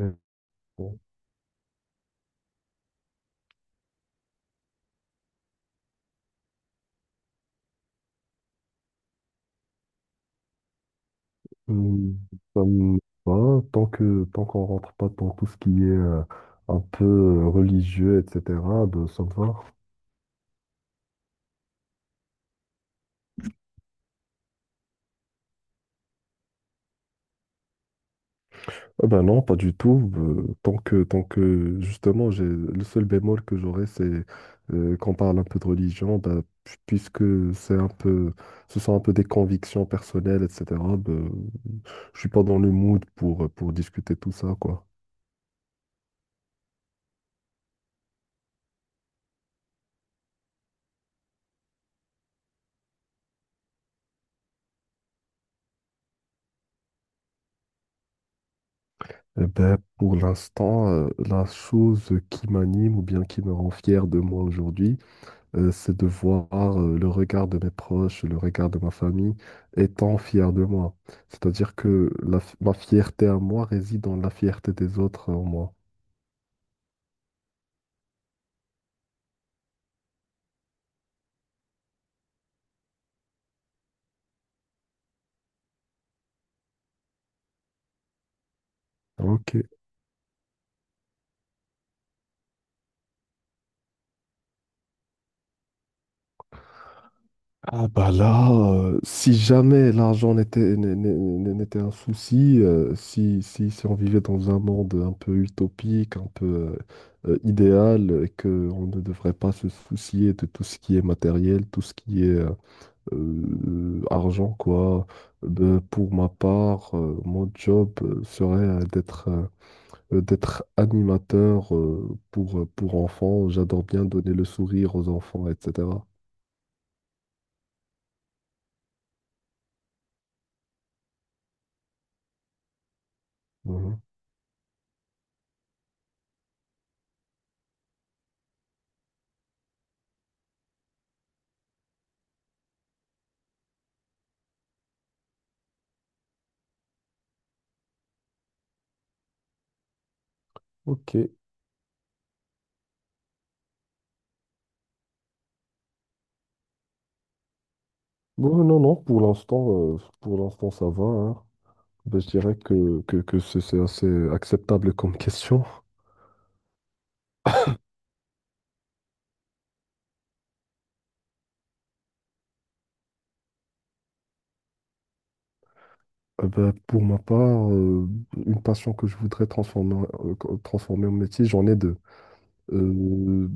Euh, bon, hum, ça me va, tant qu'on rentre pas dans tout ce qui est un peu religieux, etc., ben, ça me va. Ah ben non, pas du tout. Tant que justement, j'ai le seul bémol que j'aurais, c'est qu'on parle un peu de religion, ben, puisque c'est un peu, ce sont un peu des convictions personnelles, etc. Ben, je suis pas dans le mood pour discuter tout ça, quoi. Eh ben, pour l'instant, la chose qui m'anime ou bien qui me rend fier de moi aujourd'hui, c'est de voir le regard de mes proches, le regard de ma famille étant fier de moi. C'est-à-dire que ma fierté à moi réside dans la fierté des autres en moi. Ok. Ah bah là, si jamais l'argent n'était n'est- n'est- n'est- n'était un souci, si on vivait dans un monde un peu utopique, un peu idéal, et qu'on ne devrait pas se soucier de tout ce qui est matériel, tout ce qui est argent, quoi. Pour ma part, mon job serait d'être animateur pour enfants. J'adore bien donner le sourire aux enfants, etc. Mhm. Ok. Bon, non, non, pour l'instant, ça va, hein. Ben, je dirais que c'est assez acceptable comme question. Ben, pour ma part, une passion que je voudrais transformer en métier, j'en ai deux. Euh,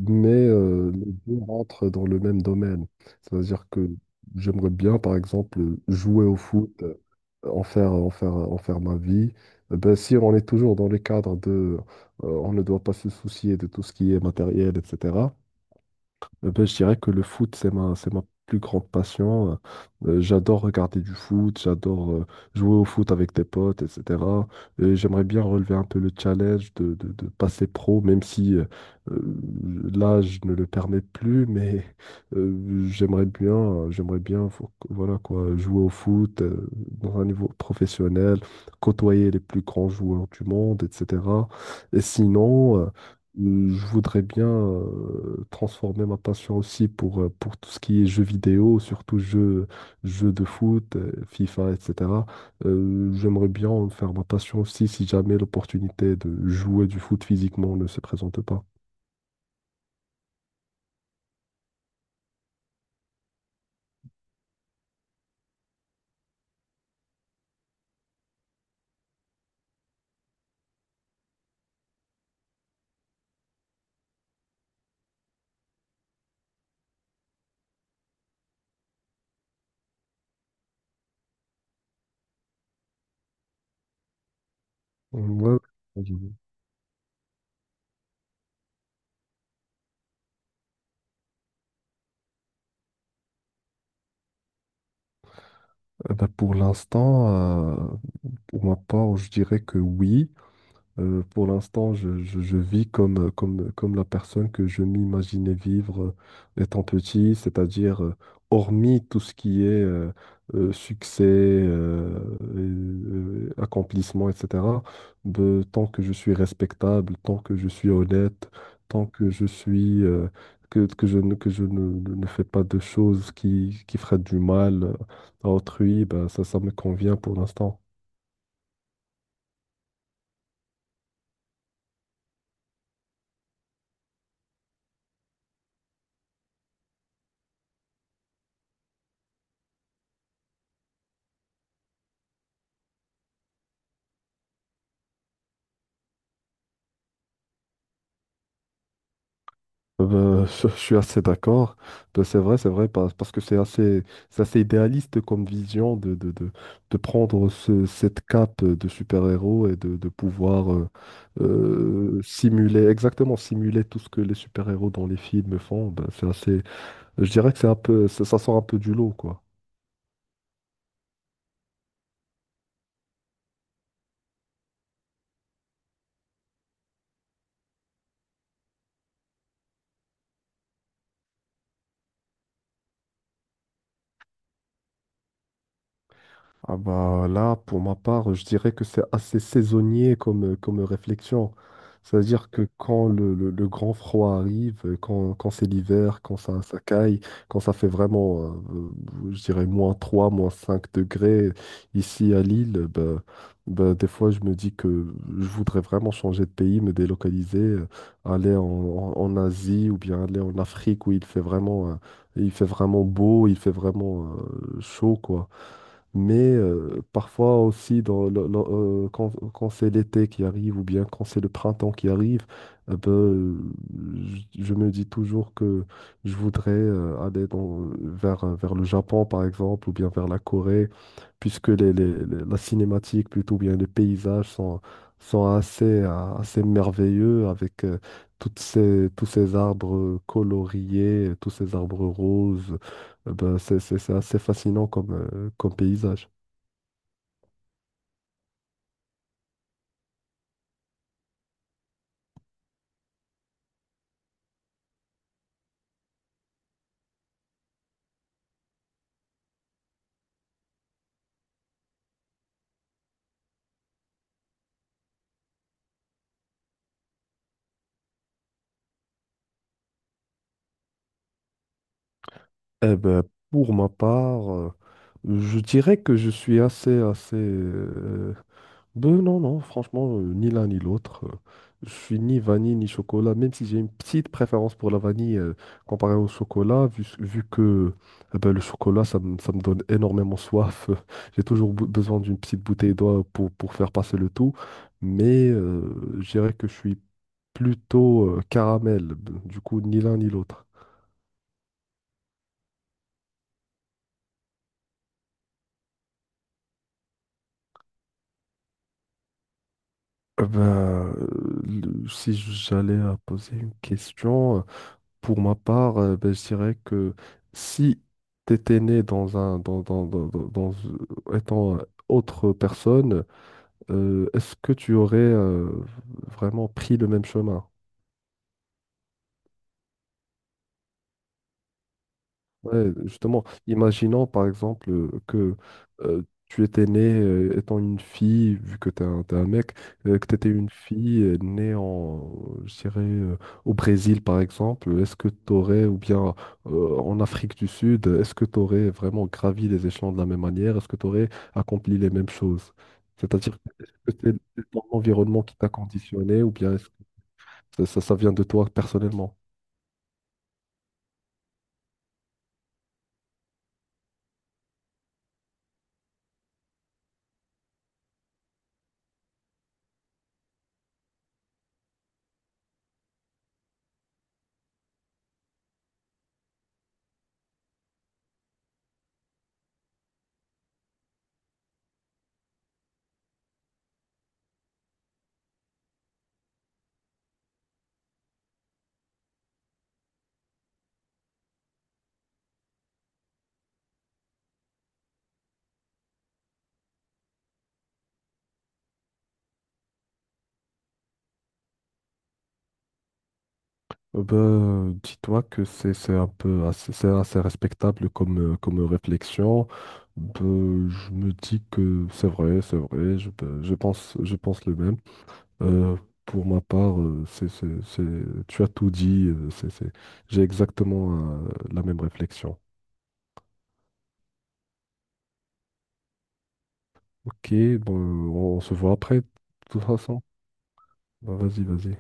mais les deux rentrent dans le même domaine. C'est-à-dire que j'aimerais bien, par exemple, jouer au foot, en faire ma vie. Ben, si on est toujours dans les cadres de, on ne doit pas se soucier de tout ce qui est matériel, etc. Ben, je dirais que le foot, c'est ma plus grande passion. J'adore regarder du foot, j'adore jouer au foot avec des potes, etc. Et j'aimerais bien relever un peu le challenge de passer pro, même si euh, l'âge ne le permet plus, mais j'aimerais bien, voilà quoi, jouer au foot dans un niveau professionnel, côtoyer les plus grands joueurs du monde, etc. Et sinon, je voudrais bien transformer ma passion aussi pour tout ce qui est jeux vidéo, surtout jeux de foot, FIFA, etc. J'aimerais bien en faire ma passion aussi si jamais l'opportunité de jouer du foot physiquement ne se présente pas. Ouais. Euh, bah, pour l'instant, euh, pour ma part, je dirais que oui. Pour l'instant, je vis comme la personne que je m'imaginais vivre étant petit, c'est-à-dire hormis tout ce qui est succès, accomplissement, etc. Tant que je suis respectable, tant que je suis honnête, tant que je suis que je ne, ne- ne fais pas de choses qui feraient du mal à autrui, ben, ça me convient pour l'instant. Je suis assez d'accord. Ben, c'est vrai, c'est vrai, parce que c'est assez idéaliste comme vision de prendre cette cape de super-héros et de pouvoir simuler, exactement simuler tout ce que les super-héros dans les films font. Ben, je dirais que c'est un peu, ça sort un peu du lot, quoi. Ah bah là, pour ma part, je dirais que c'est assez saisonnier comme réflexion. C'est-à-dire que quand le grand froid arrive, quand c'est l'hiver, quand ça caille, quand ça fait vraiment, je dirais, moins 3 moins 5 degrés ici à Lille, bah, des fois je me dis que je voudrais vraiment changer de pays, me délocaliser, aller en Asie ou bien aller en Afrique où il fait vraiment beau, il fait vraiment, chaud, quoi. Mais parfois aussi, quand c'est l'été qui arrive ou bien quand c'est le printemps qui arrive, euh, ben, euh, je me dis toujours que je voudrais aller vers le Japon, par exemple, ou bien vers la Corée, puisque la cinématique, plutôt bien les paysages sont assez, assez merveilleux avec tous ces arbres coloriés, tous ces arbres roses. C'est assez fascinant comme paysage. Eh ben, pour ma part, je dirais que je suis assez... Ben non, non, franchement, ni l'un ni l'autre. Je suis ni vanille ni chocolat, même si j'ai une petite préférence pour la vanille comparée au chocolat, vu que eh ben, le chocolat, ça me donne énormément soif. J'ai toujours besoin d'une petite bouteille d'eau pour faire passer le tout. Mais je dirais que je suis plutôt caramel. Du coup, ni l'un ni l'autre. Si j'allais à poser une question, pour ma part, je dirais que si tu étais né dans un, dans, dans, dans- dans- dans- étant autre personne, est-ce que tu aurais vraiment pris le même chemin? Ouais, justement, imaginons par exemple que tu étais né étant une fille, vu que t'es un mec, que tu étais une fille née en, je dirais, au Brésil par exemple, est-ce que tu aurais, ou bien en Afrique du Sud, est-ce que tu aurais vraiment gravi les échelons de la même manière? Est-ce que tu aurais accompli les mêmes choses? C'est-à-dire, est-ce que c'est ton environnement qui t'a conditionné, ou bien est-ce que ça vient de toi personnellement? Ben, dis-toi que c'est assez respectable comme réflexion. Ben, je me dis que c'est vrai, ben, je pense le même. Euh, pour ma part, tu as tout dit, j'ai exactement la même réflexion. Ok, bon, on se voit après, de toute façon. Ben, vas-y, vas-y.